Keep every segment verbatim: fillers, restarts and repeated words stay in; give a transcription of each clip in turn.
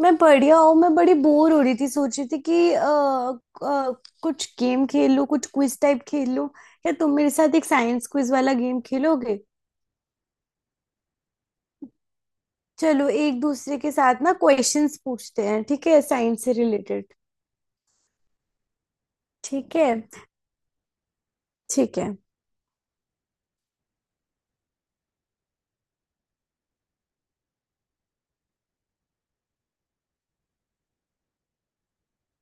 मैं बढ़िया हूँ। मैं बड़ी बोर हो रही थी, सोच रही थी कि अ, अ, कुछ गेम खेल लूँ, कुछ क्विज टाइप खेल लूँ। या तुम मेरे साथ एक साइंस क्विज वाला गेम खेलोगे? चलो एक दूसरे के साथ ना क्वेश्चंस पूछते हैं, ठीक है? साइंस से रिलेटेड। ठीक है। ठीक है।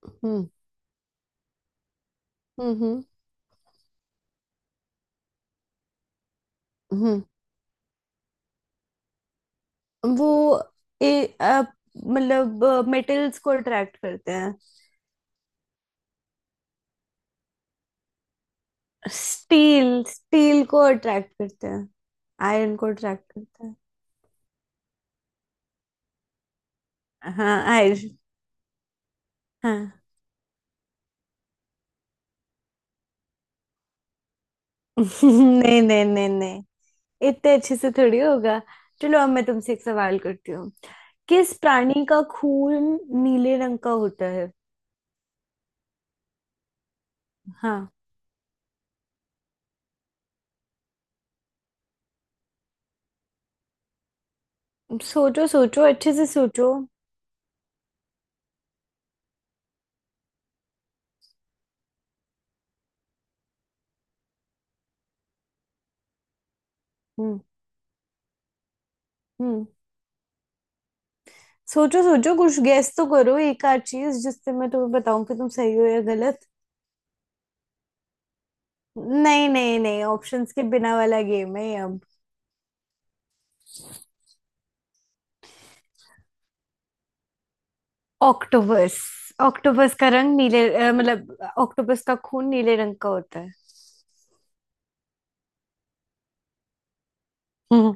हम्म हम्म हम्म हम्म। वो ए, अ, मतलब मेटल्स को अट्रैक्ट करते हैं। स्टील स्टील को अट्रैक्ट करते हैं। आयरन को अट्रैक्ट करते हैं। हाँ, आयरन। नहीं, नहीं, नहीं, नहीं। इतने अच्छे से थोड़ी होगा। चलो, अब मैं तुमसे एक सवाल करती हूँ। किस प्राणी का खून नीले रंग का होता है? हाँ। सोचो, सोचो, अच्छे से सोचो। हम्म, हम्म। सोचो, सोचो, कुछ गेस तो करो, एक आध चीज, जिससे मैं तुम्हें बताऊं कि तुम सही हो या गलत। नहीं, नहीं, नहीं, ऑप्शंस के बिना वाला गेम है ये अब। ऑक्टोपस। ऑक्टोपस का रंग नीले अ, मतलब ऑक्टोपस का खून नीले रंग का होता है। हम्म।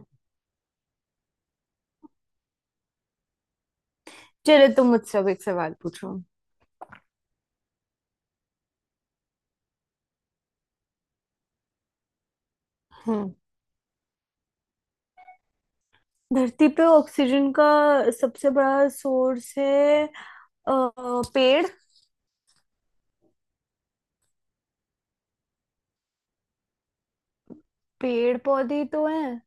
चलो, तुम मुझसे अब एक सवाल पूछो। हम्म धरती पे ऑक्सीजन का सबसे बड़ा सोर्स है अ, पेड़। पेड़ पौधे तो हैं।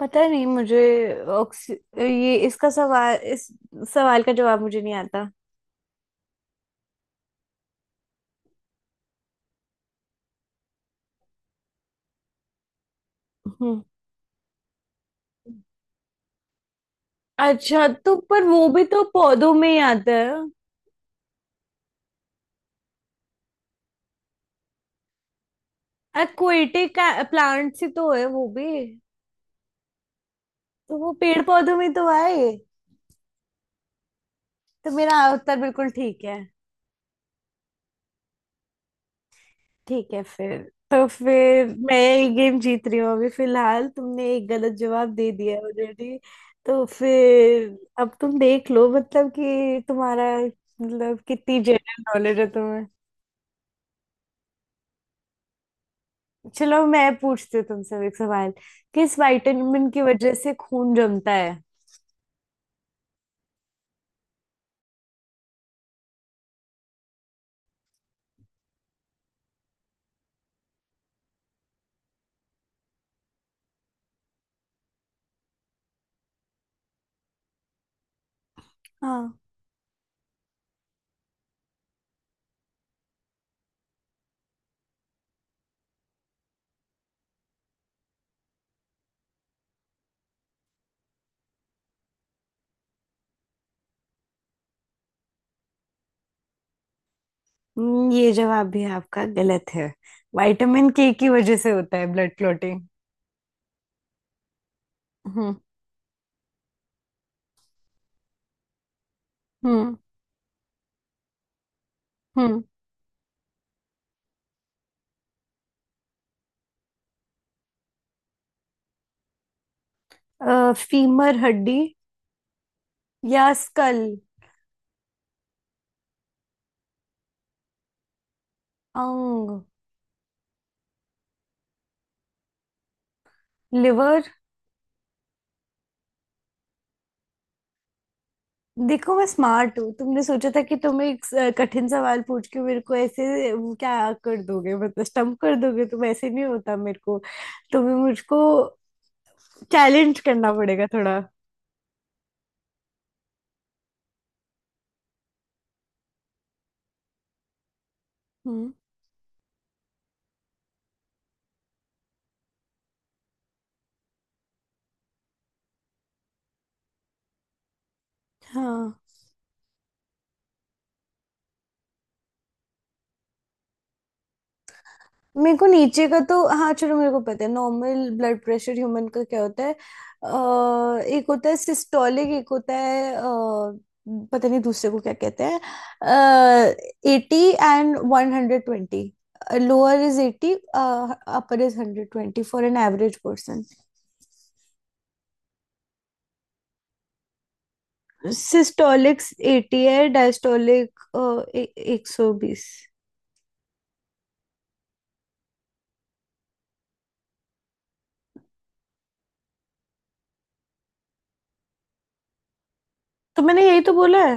पता नहीं मुझे। ऑक्सी ये इसका सवाल इस सवाल का जवाब मुझे नहीं आता। हम्म। अच्छा, तो पर वो भी तो पौधों में ही आता है। एक्वेटिक प्लांट ही तो है वो भी। तो वो पेड़ पौधों में तो आए। तो मेरा उत्तर बिल्कुल ठीक। ठीक है फिर। तो फिर मैं ये गेम जीत रही हूँ अभी फिलहाल। तुमने एक गलत जवाब दे दिया ऑलरेडी। तो फिर अब तुम देख लो, मतलब कि तुम्हारा, मतलब कितनी जनरल नॉलेज है तुम्हें। चलो, मैं पूछती हूँ तुमसे अब एक सवाल। किस विटामिन की वजह से खून जमता है? हाँ। हम्म, ये जवाब भी आपका गलत है। विटामिन के की वजह से होता है ब्लड क्लॉटिंग। हम्म। हम्म। हम्म फीमर हड्डी या स्कल। अंग। लिवर। देखो, मैं स्मार्ट हूँ। तुमने सोचा था कि तुम एक स- कठिन सवाल पूछ के मेरे को ऐसे, वो क्या कर दोगे, मतलब स्टम्प कर दोगे तुम, ऐसे नहीं होता मेरे को। तुम्हें मुझको चैलेंज करना पड़ेगा थोड़ा। हम्म। हाँ। मेरे को नीचे का तो, हाँ चलो, मेरे को पता है नॉर्मल ब्लड प्रेशर ह्यूमन का क्या होता है। अ, एक होता है सिस्टोलिक, एक होता है अ, पता नहीं दूसरे को क्या कहते हैं। Eighty and one hundred twenty. Lower is eighty, upper is hundred twenty, for an average person. Systolic eighty है, डायस्टोलिक एक सौ बीस। तो मैंने यही तो बोला है।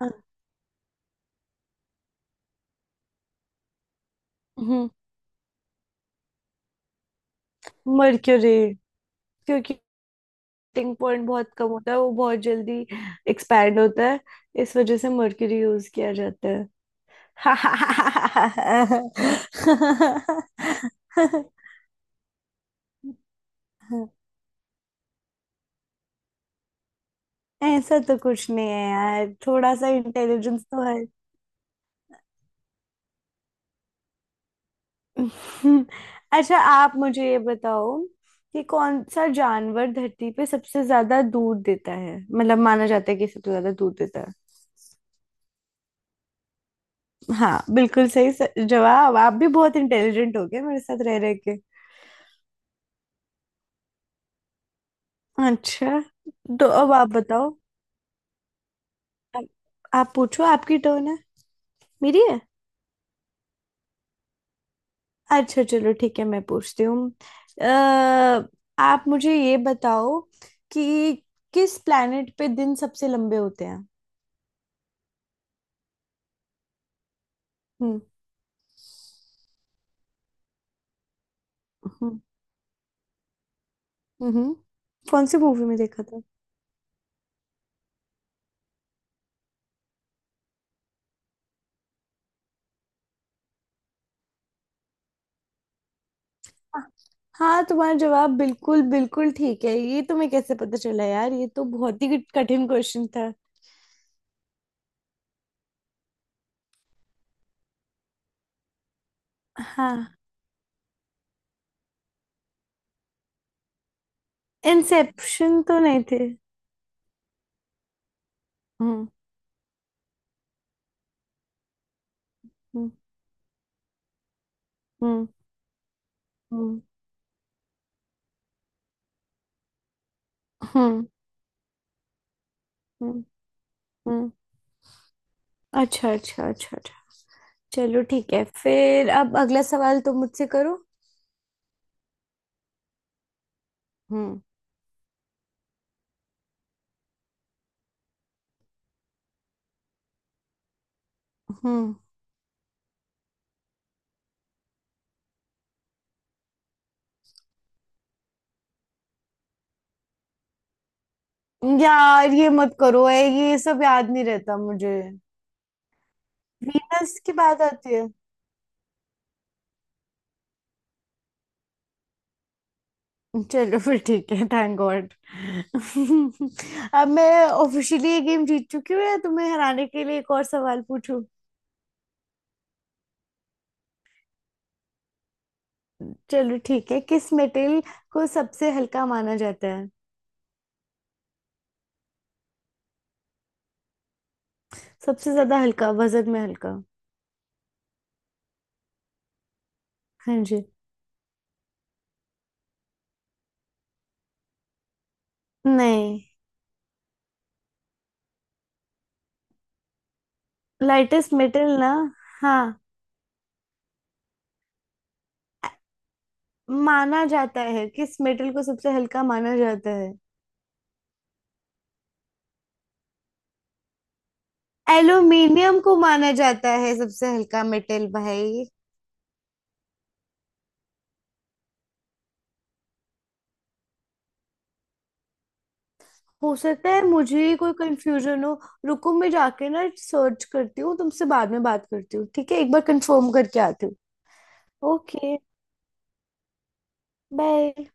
हाँ। हम्म मर्क्यूरी। क्योंकि मेल्टिंग पॉइंट बहुत कम होता है, वो बहुत जल्दी एक्सपैंड होता है, इस वजह से मर्क्यूरी यूज किया जाता है। ऐसा तो कुछ नहीं है यार, थोड़ा सा इंटेलिजेंस तो है। अच्छा, आप मुझे ये बताओ कि कौन सा जानवर धरती पे सबसे ज्यादा दूध देता है, मतलब माना जाता है कि सबसे ज्यादा दूध देता है। हाँ, बिल्कुल सही स- जवाब। आप भी बहुत इंटेलिजेंट हो गए मेरे साथ रह रहे। अच्छा। तो अब आप बताओ। आप, आप पूछो, आपकी टर्न है। मेरी है। अच्छा, चलो ठीक है, मैं पूछती हूँ। अ, आप मुझे ये बताओ कि किस प्लेनेट पे दिन सबसे लंबे होते हैं? हम्म। हम्म। हम्म। कौन सी मूवी में देखा था? हाँ, हाँ, तुम्हारा जवाब बिल्कुल बिल्कुल ठीक है। ये तुम्हें कैसे पता चला यार, ये तो बहुत ही कठिन क्वेश्चन था। हाँ। इंसेप्शन तो नहीं थे। हम्म, हम्म, हम्म, हम्म, हम्म, हम्म, हम्म। अच्छा, अच्छा, अच्छा, अच्छा। चलो ठीक है फिर, अब अगला सवाल तुम मुझसे करो। हम्म, हम्म। यार ये मत करो, ए, ये सब याद नहीं रहता मुझे। वीनस की बात आती है। चलो फिर ठीक है, थैंक गॉड। अब मैं ऑफिशियली ये गेम जीत चुकी हूँ, या तुम्हें हराने के लिए एक और सवाल पूछूं? चलो ठीक है, किस मेटल को सबसे हल्का माना जाता है? सबसे ज्यादा हल्का, वजन में हल्का। हाँ जी। नहीं। लाइटेस्ट मेटल ना। हाँ। माना जाता है, किस मेटल को सबसे हल्का माना जाता है? एल्यूमिनियम को माना जाता है सबसे हल्का मेटल भाई। हो सकता है मुझे ही कोई कंफ्यूजन हो। रुको, मैं जाके ना सर्च करती हूँ, तुमसे बाद में बात करती हूँ ठीक है, एक बार कंफर्म करके आती हूँ। Okay, bye.